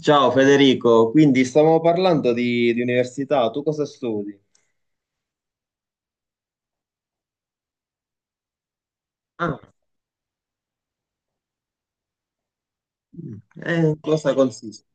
Ciao Federico, quindi stavamo parlando di università, tu cosa studi? Ah, mm, in cosa consiste?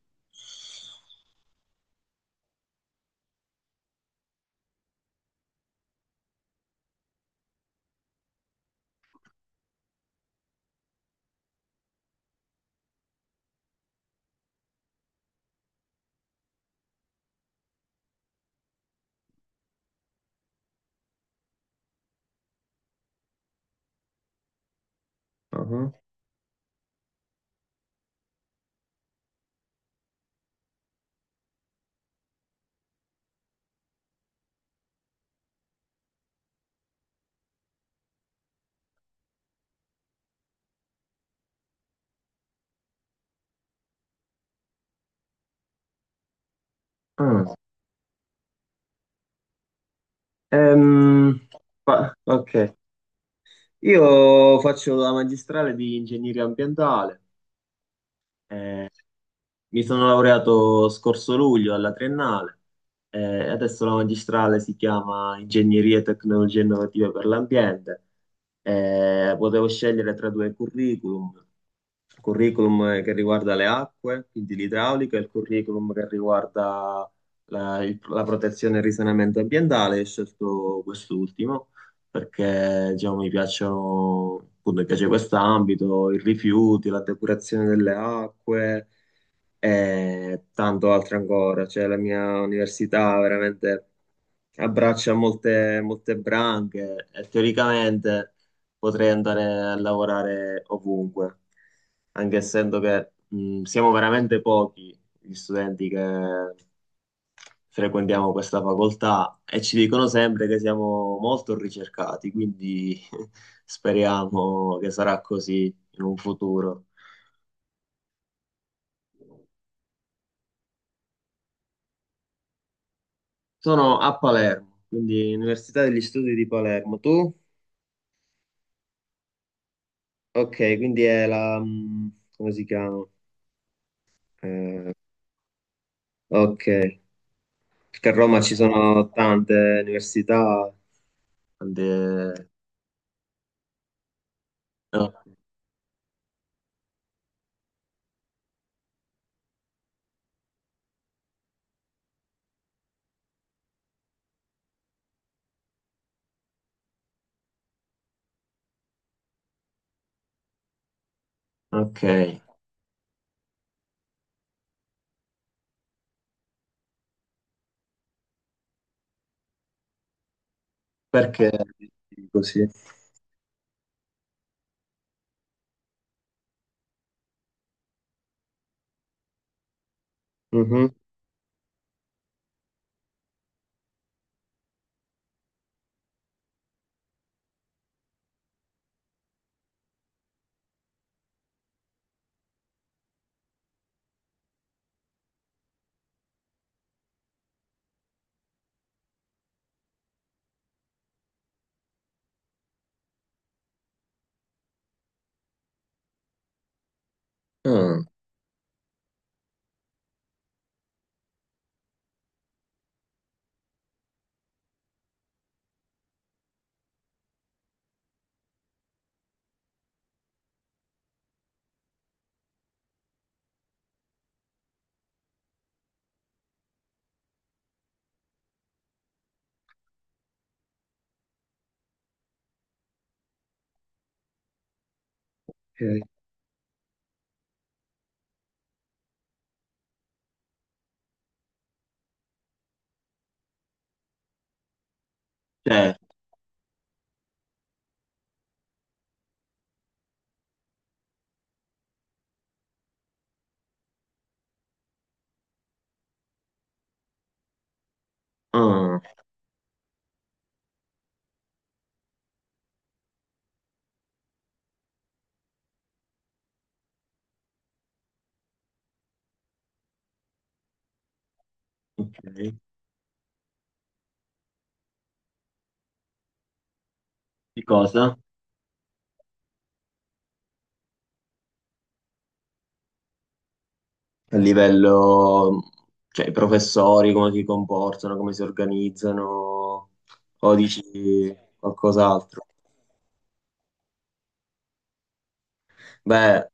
Ah, ah. Ehm, ok, io faccio la magistrale di ingegneria ambientale. Eh, Mi sono laureato scorso luglio alla triennale, e adesso la magistrale si chiama Ingegneria e Tecnologie Innovative per l'Ambiente. Potevo scegliere tra due curriculum, il curriculum che riguarda le acque, quindi l'idraulica, e il curriculum che riguarda la protezione e il risanamento ambientale. Ho scelto quest'ultimo perché, diciamo, mi piacciono, appunto, mi piace questo ambito, i rifiuti, la depurazione delle acque e tanto altro ancora. Cioè, la mia università veramente abbraccia molte, molte branche e teoricamente potrei andare a lavorare ovunque, anche essendo che, siamo veramente pochi gli studenti che frequentiamo questa facoltà e ci dicono sempre che siamo molto ricercati, quindi speriamo che sarà così in un futuro. Sono a Palermo, quindi Università degli Studi di Palermo. Tu? Ok, quindi è la, come si chiama? Eh, ok, perché a Roma ci sono tante università. tante- no, ok, perché così? Mhm. Ah, ok. Cioè, ah, ok. Di cosa? A livello, cioè, i professori, come si comportano, come si organizzano, o dici qualcos'altro? Beh,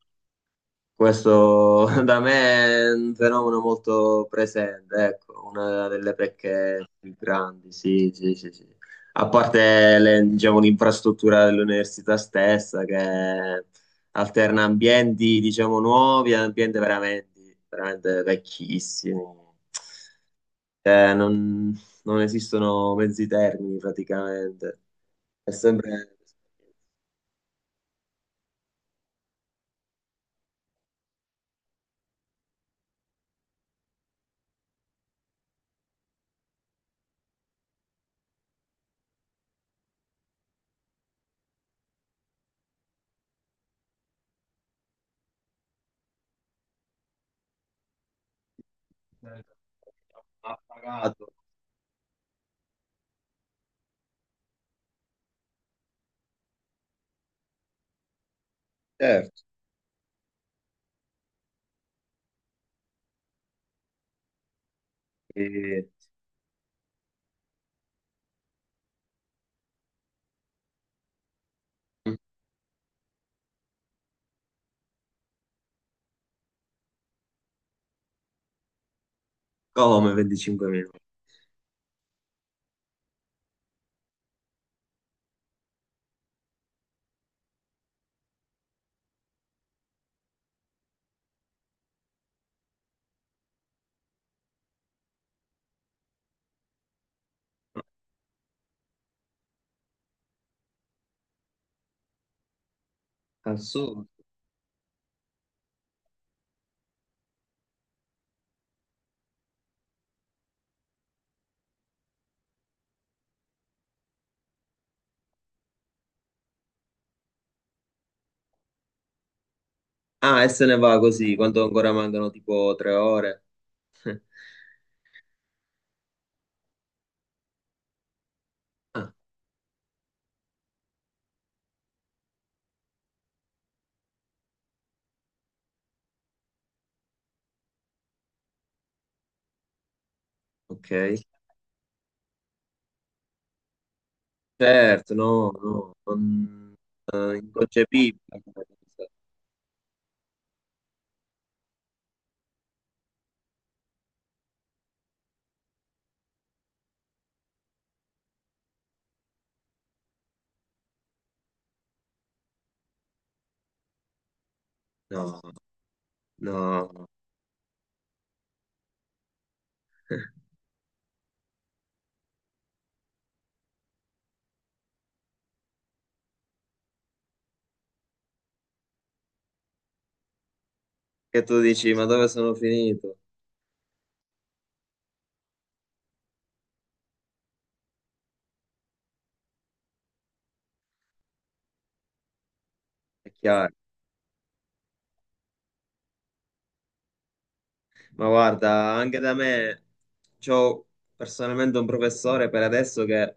questo da me è un fenomeno molto presente, ecco, una delle pecche più grandi, sì, sì, sì, sì. A parte diciamo, l'infrastruttura dell'università stessa che alterna ambienti, diciamo, nuovi e ambienti veramente, veramente vecchissimi. Eh, non, non esistono mezzi termini praticamente. È sempre. Appagato. Certo. Eh, Come 25 minuti? Assurdo. Ah, e se ne va così, quanto ancora mancano tipo tre ore? Ah, ok. Certo, no, no, non, inconcepibile. No, no. Che tu dici, ma dove sono finito? È chiaro. Ma guarda, anche da me c'ho personalmente un professore per adesso che,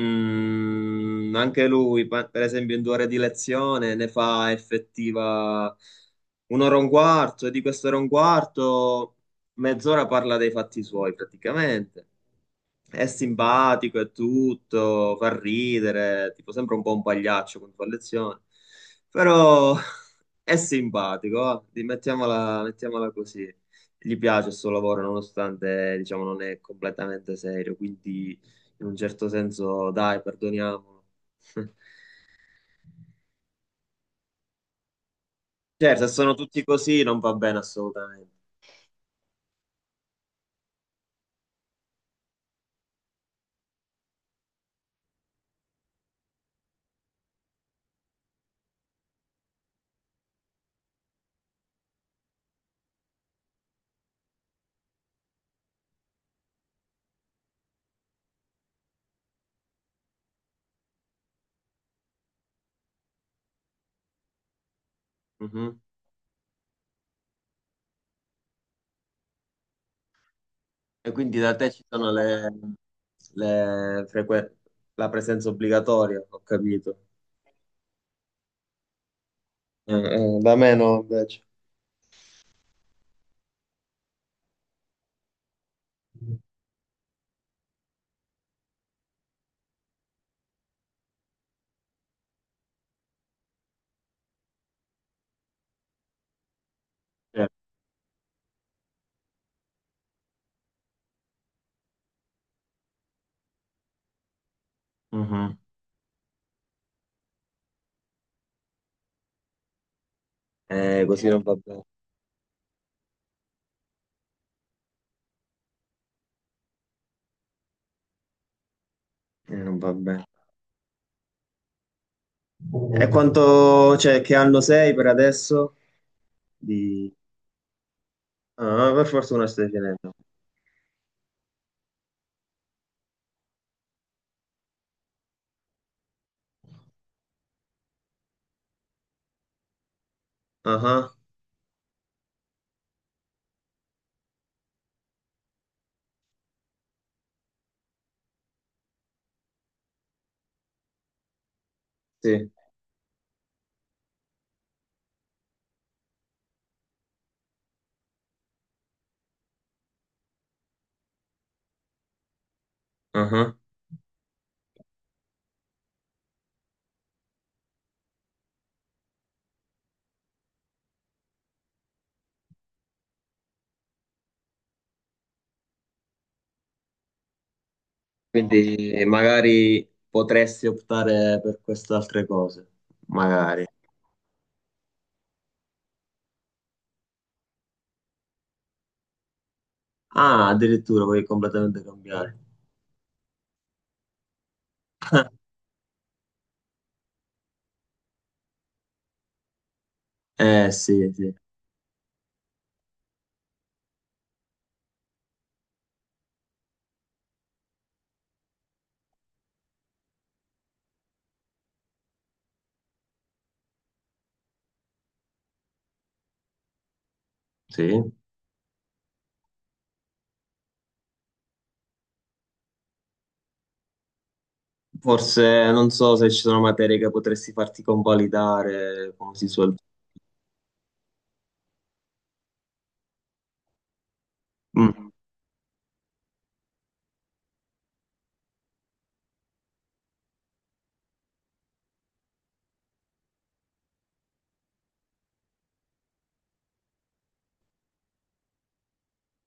anche lui, per esempio, in due ore di lezione ne fa effettiva un'ora e un quarto, e di quest'ora e un quarto mezz'ora parla dei fatti suoi praticamente. È simpatico e tutto, fa ridere, tipo sembra un po' un pagliaccio quando fa lezione, però è simpatico, va, mettiamola così, gli piace il suo lavoro nonostante, diciamo, non è completamente serio, quindi in un certo senso, dai, perdoniamolo. Certo, se sono tutti così non va bene assolutamente. Mhm. E quindi da te ci sono le la presenza obbligatoria, ho capito. Eh, Da me no, invece. Certo. Mhm. Così non va bene. Non va bene. E quanto, cioè, che anno sei per adesso? Di... Ah, per fortuna stai finendo. Ah, sì. Ah. Quindi, magari potresti optare per queste altre cose. Magari. Ah, addirittura puoi completamente cambiare. Sì, sì. Sì. Forse non so se ci sono materie che potresti farti convalidare, come si suol dire. Mm,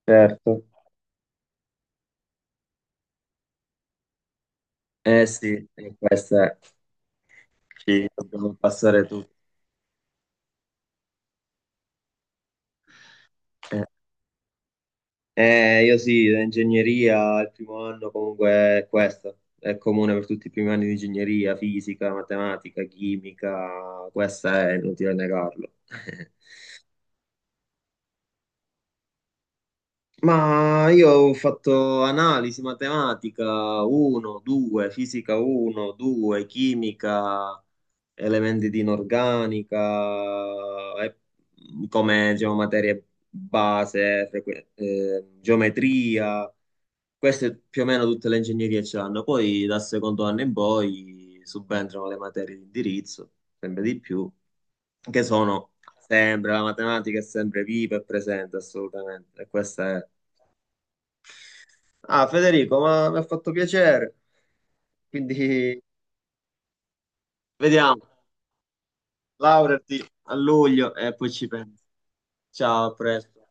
certo. Eh sì, e questa ci dobbiamo passare tutti. Eh. Io sì, ingegneria, il primo anno comunque è questo, è comune per tutti i primi anni di ingegneria, fisica, matematica, chimica, questa è inutile negarlo. Ma io ho fatto analisi, matematica 1, 2, fisica 1, 2, chimica, elementi di inorganica, e come diciamo, materie base, geometria. Queste più o meno tutte le ingegnerie ce l'hanno, poi dal secondo anno in poi subentrano le materie di indirizzo, sempre di più, che sono sempre, la matematica è sempre viva e presente assolutamente. E questa è... Ah, Federico, ma mi ha fatto piacere, quindi vediamo, laureati a luglio e poi ci penso. Ciao, a presto.